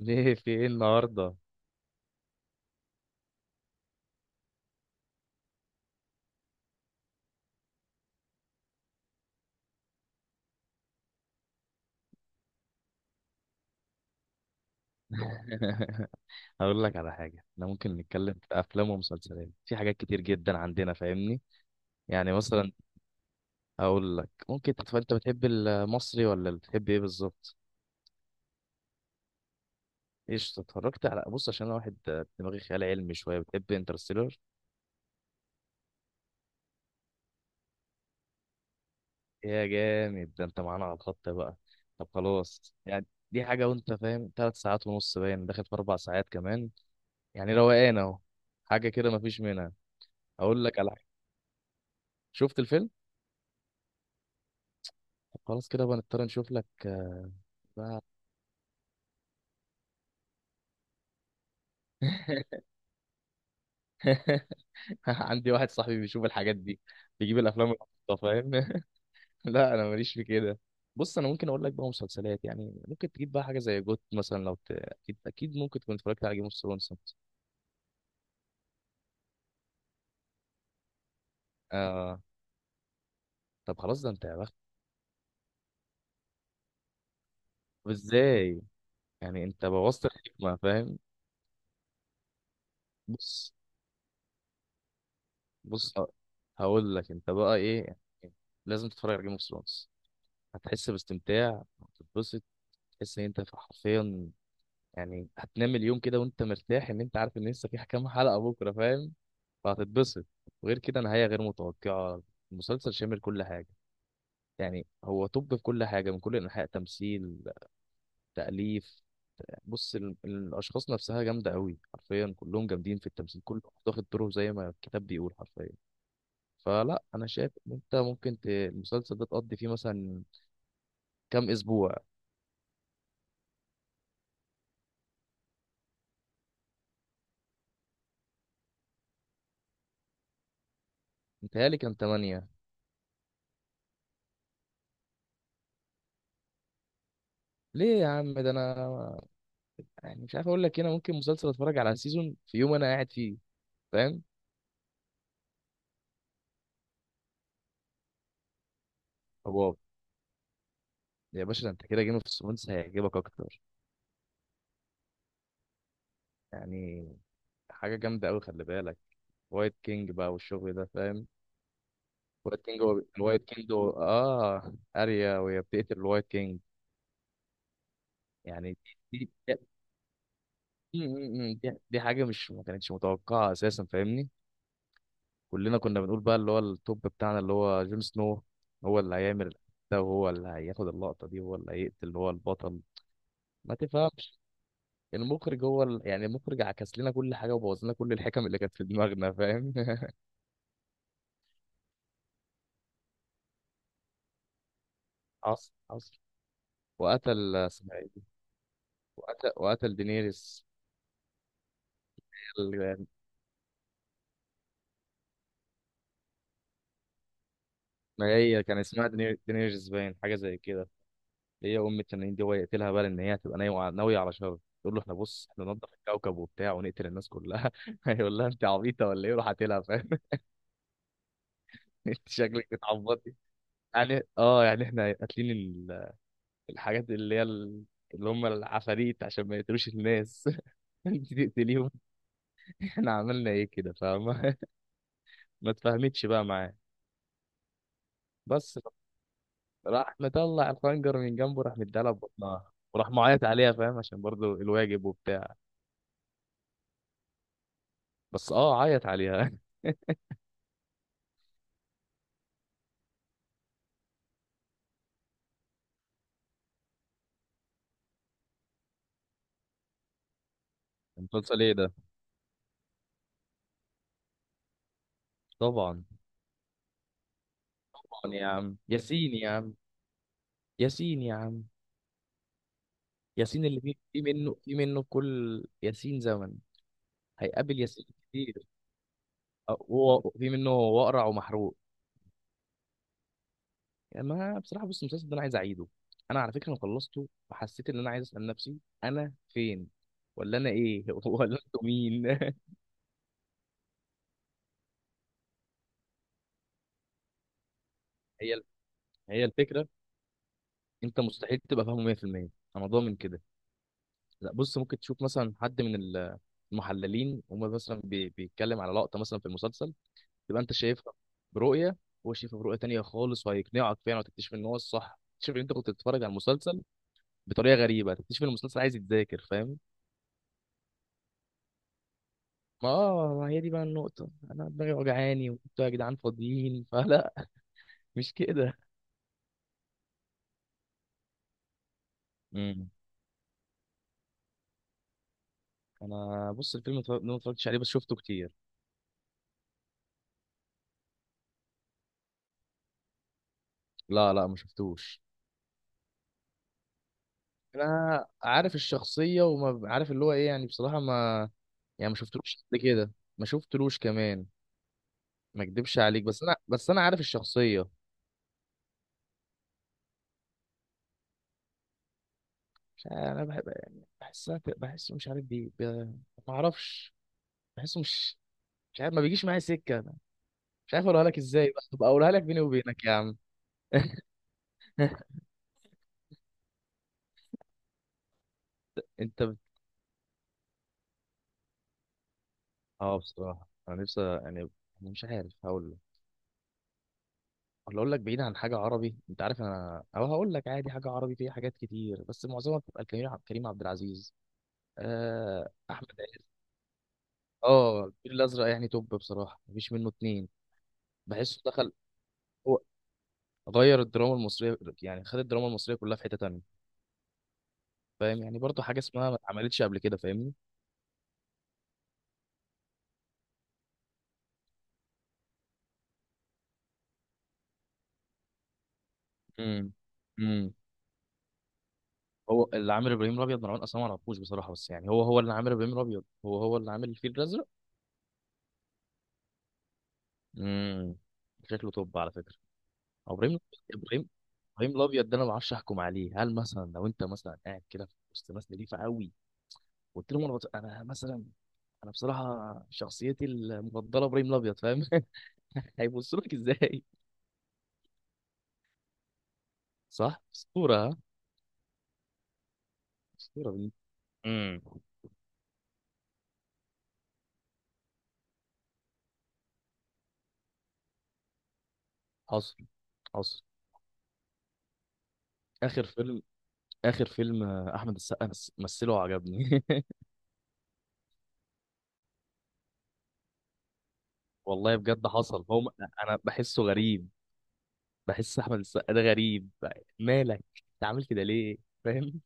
ليه في ايه النهارده؟ هقول لك على حاجه، احنا ممكن نتكلم في افلام ومسلسلات، في حاجات كتير جدا عندنا فاهمني. يعني مثلا اقول لك ممكن انت بتحب المصري ولا بتحب ايه بالظبط؟ ايش اتفرجت على بص، عشان انا واحد دماغي خيال علمي شويه، بتحب انترستيلر؟ يا جامد، ده انت معانا على الخط بقى. طب خلاص يعني، دي حاجه، وانت فاهم، ثلاث ساعات ونص باين داخل في اربع ساعات كمان، يعني روقان اهو، حاجه كده مفيش منها. اقول لك على حاجه، شفت الفيلم. طب خلاص كده بقى نضطر نشوف لك. بقى. عندي واحد صاحبي بيشوف الحاجات دي، بيجيب الافلام العبيطة، فاهم؟ لا انا ماليش في كده. بص انا ممكن اقول لك بقى مسلسلات، يعني ممكن تجيب بقى حاجه زي جوت مثلا، لو اكيد اكيد ممكن تكون اتفرجت على جيم اوف ثرونز. آه طب خلاص، ده انت يا بخت. طب ازاي يعني؟ انت بوظت الحكمه فاهم. بص، بص ه- هقول لك انت بقى ايه يعني، لازم تتفرج على جيم اوف ثرونز، هتحس باستمتاع، هتتبسط، تحس ان انت حرفيا يعني هتنام اليوم كده وانت مرتاح ان انت عارف ان لسه في كام حلقه بكره، فاهم؟ فهتتبسط، وغير كده نهايه غير متوقعه، المسلسل شامل كل حاجه، يعني هو طب في كل حاجه، من كل انحاء، تمثيل، تاليف، بص الاشخاص نفسها جامده قوي، حرفيا كلهم جامدين في التمثيل، كله واخد دوره زي ما الكتاب بيقول حرفيا. فلا، انا شايف ان انت ممكن المسلسل ده تقضي فيه مثلا كام اسبوع؟ متهيألي كان 8. ليه يا عم؟ ده انا يعني مش عارف اقول لك، هنا ممكن مسلسل اتفرج على سيزون في يوم انا قاعد فيه، فاهم؟ واو، يا باشا، ده انت كده جيم اوف ثرونز هيعجبك اكتر، يعني حاجه جامده قوي، خلي بالك. وايت كينج بقى والشغل ده فاهم. وايت كينج، هو الوايت كينج هو اه اريا، وهي بتقتل الوايت كينج. يعني دي دي, م- م- م- دي, دي حاجه مش ما كانتش متوقعه اساسا فاهمني. كلنا كنا بنقول بقى اللي هو التوب بتاعنا اللي هو جون سنو، هو اللي هيعمل ده، وهو اللي هياخد اللقطه دي، وهو اللي هيقتل اللي هو البطل. ما تفهمش، المخرج هو يعني المخرج عكس لنا كل حاجه، وبوظ لنا كل الحكم اللي كانت في دماغنا، فاهم؟ حصل حصل، وقتل اسمها ايه، وقتل دينيريس. ال- ما هي كان اسمها دينيريس باين، حاجه زي كده، اللي هي ام التنانين دي، هو يقتلها بقى لان هي هتبقى ناويه ناويه على شر، يقول له احنا بص احنا ننضف الكوكب وبتاع ونقتل الناس كلها. هيقول لها انت عبيطه ولا ايه، روح قاتلها، فاهم؟ انت شكلك بتعبطي، يعني اه يعني احنا قاتلين الحاجات اللي هي اللي هم العفاريت عشان ما يقتلوش الناس. انت تقتليهم، احنا عملنا ايه كده فما. ما تفهمتش بقى معاه بس. راح مطلع الخنجر من جنبه، راح مديها ببطنها، وراح معيط عليها، فاهم؟ عشان برضو الواجب وبتاع، بس اه عيط عليها. المسلسل ايه ده؟ طبعا، طبعا يا عم، ياسين يا عم، ياسين يا عم، ياسين اللي فيه، في منه، في منه كل ياسين زمن، هيقابل ياسين كتير. وهو في منه هو اقرع ومحروق. يعني ما بصراحه، بص المسلسل ده انا عايز اعيده، انا على فكره انا خلصته وحسيت ان انا عايز اسال نفسي، انا فين ولا انا ايه، ولا انتوا مين. هي، هي الفكره. انت مستحيل تبقى فاهمه 100%، انا ضامن كده. لا بص، ممكن تشوف مثلا حد من المحللين، وما مثلا بيتكلم على لقطه مثلا في المسلسل، تبقى انت شايفها برؤيه، وهو شايفها برؤيه تانية خالص، وهيقنعك فعلا، وتكتشف ان هو الصح، تكتشف ان انت كنت بتتفرج على المسلسل بطريقه غريبه، تكتشف ان المسلسل عايز يتذاكر، فاهم؟ ما هي دي بقى النقطة، أنا دماغي وجعاني وأنتوا يا جدعان فاضيين. فلا، مش كده. امم، أنا بص الفيلم ما اتفرجتش عليه بس شفته كتير. لا لا ما شفتوش. أنا عارف الشخصية، عارف اللي هو إيه، يعني بصراحة ما، يعني ما شفتلوش قبل كده، ما شفتلوش كمان، ما أكدبش عليك، بس أنا عارف الشخصية. مش عارف، أنا بحب يعني بحسها، بحسه مش عارف بيه ما أعرفش، بحسه مش، مش عارف، ما بيجيش معايا سكة، مش عارف أقولها لك إزاي بقى، تبقى أقولها لك بيني وبينك يا عم. انت بت... اه بصراحه انا نفسي يعني، أنا مش عارف هقول لك ولا اقول لك، بعيد عن حاجه عربي، انت عارف انا، او هقول لك عادي، حاجه عربي فيها حاجات كتير بس معظمها بتبقى الكريم عبد، كريم عبد العزيز، احمد عيد. اه الفيل الازرق يعني توب، بصراحه مفيش منه اتنين. بحسه دخل هو، غير الدراما المصريه، يعني خد الدراما المصريه كلها في حته تانيه، فاهم يعني؟ برضه حاجه اسمها ما اتعملتش قبل كده فاهمني. امم، امم، هو اللي عامل ابراهيم الابيض مروان، اصلا ما اعرفوش بصراحه، بس يعني هو هو اللي عامل ابراهيم الابيض، هو هو اللي عامل الفيل الازرق. امم، شكله توب على فكره. أو ابراهيم، ابراهيم، ابراهيم الابيض، ده انا ما اعرفش احكم عليه، هل مثلا لو انت مثلا قاعد كده في وسط ناس نضيفه قوي، قلت لهم انا انا مثلا انا بصراحه شخصيتي المفضله ابراهيم الابيض، فاهم؟ هيبصوا لك ازاي. صح، اسطوره ها، اسطوره بنت. امم، حصل حصل. اخر فيلم، اخر فيلم احمد السقا مثله عجبني. والله بجد حصل، انا بحسه غريب، بحس احمد السقا ده غريب، مالك، انت عامل كده ليه، فاهم؟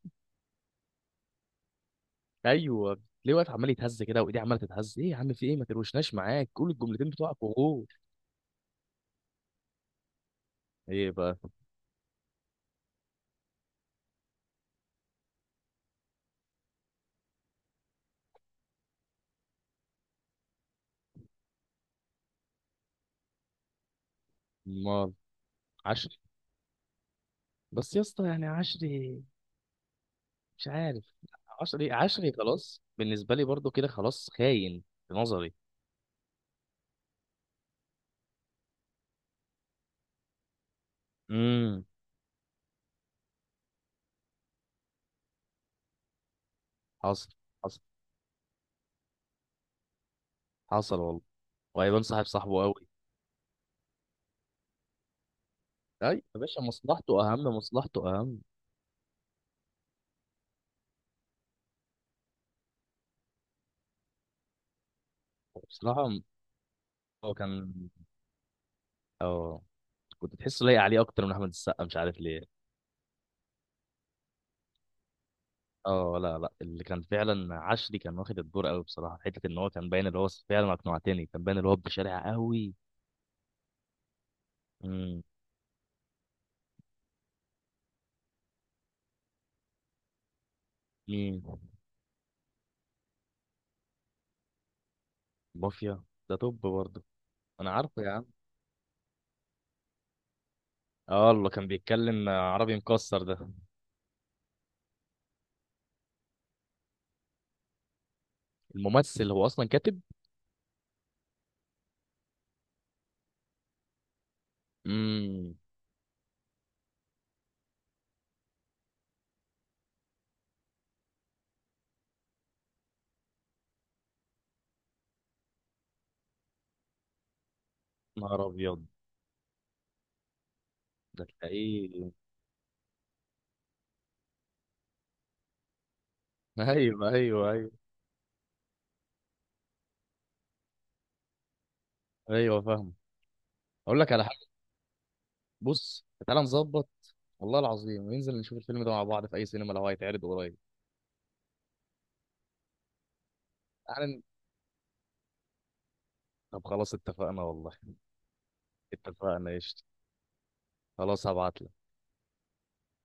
ايوه ليه واقف عمال يتهز كده، وايديه عماله تتهز، ايه يا عم في ايه، ما تروشناش معاك، قول الجملتين بتوعك وغور. ايه بقى؟ امال؟ عشري. بس يا اسطى يعني عشري، مش عارف، عشري عشري خلاص، بالنسبه لي برضو كده خلاص، خاين في نظري. امم، حصل حصل، حصل والله. وهيبان صاحب، صاحبه قوي. اي يا باشا، مصلحته اهم، مصلحته اهم. بصراحه هو كان، اه كنت تحسه لايق عليه اكتر من احمد السقا، مش عارف ليه. اه لا لا، اللي كان فعلا عشري، كان واخد الدور قوي بصراحه، في حته ان هو كان باين اللي هو فعلا اقنعتني، كان باين اللي هو بشارع قوي. امم، مين؟ مافيا، ده توب برضه. انا عارفه يا عم، اه اللي كان بيتكلم عربي مكسر ده. الممثل هو اصلا كاتب؟ امم، نهار ابيض، ده تلاقيه. ايوه ايوه ايوه، ايوه فاهم. اقول لك على حاجه، بص تعالى نظبط، والله العظيم وننزل نشوف الفيلم ده مع بعض في اي سينما لو هيتعرض قريب. تعال، طب خلاص اتفقنا والله، اتفقنا قشطة، خلاص هبعتلك.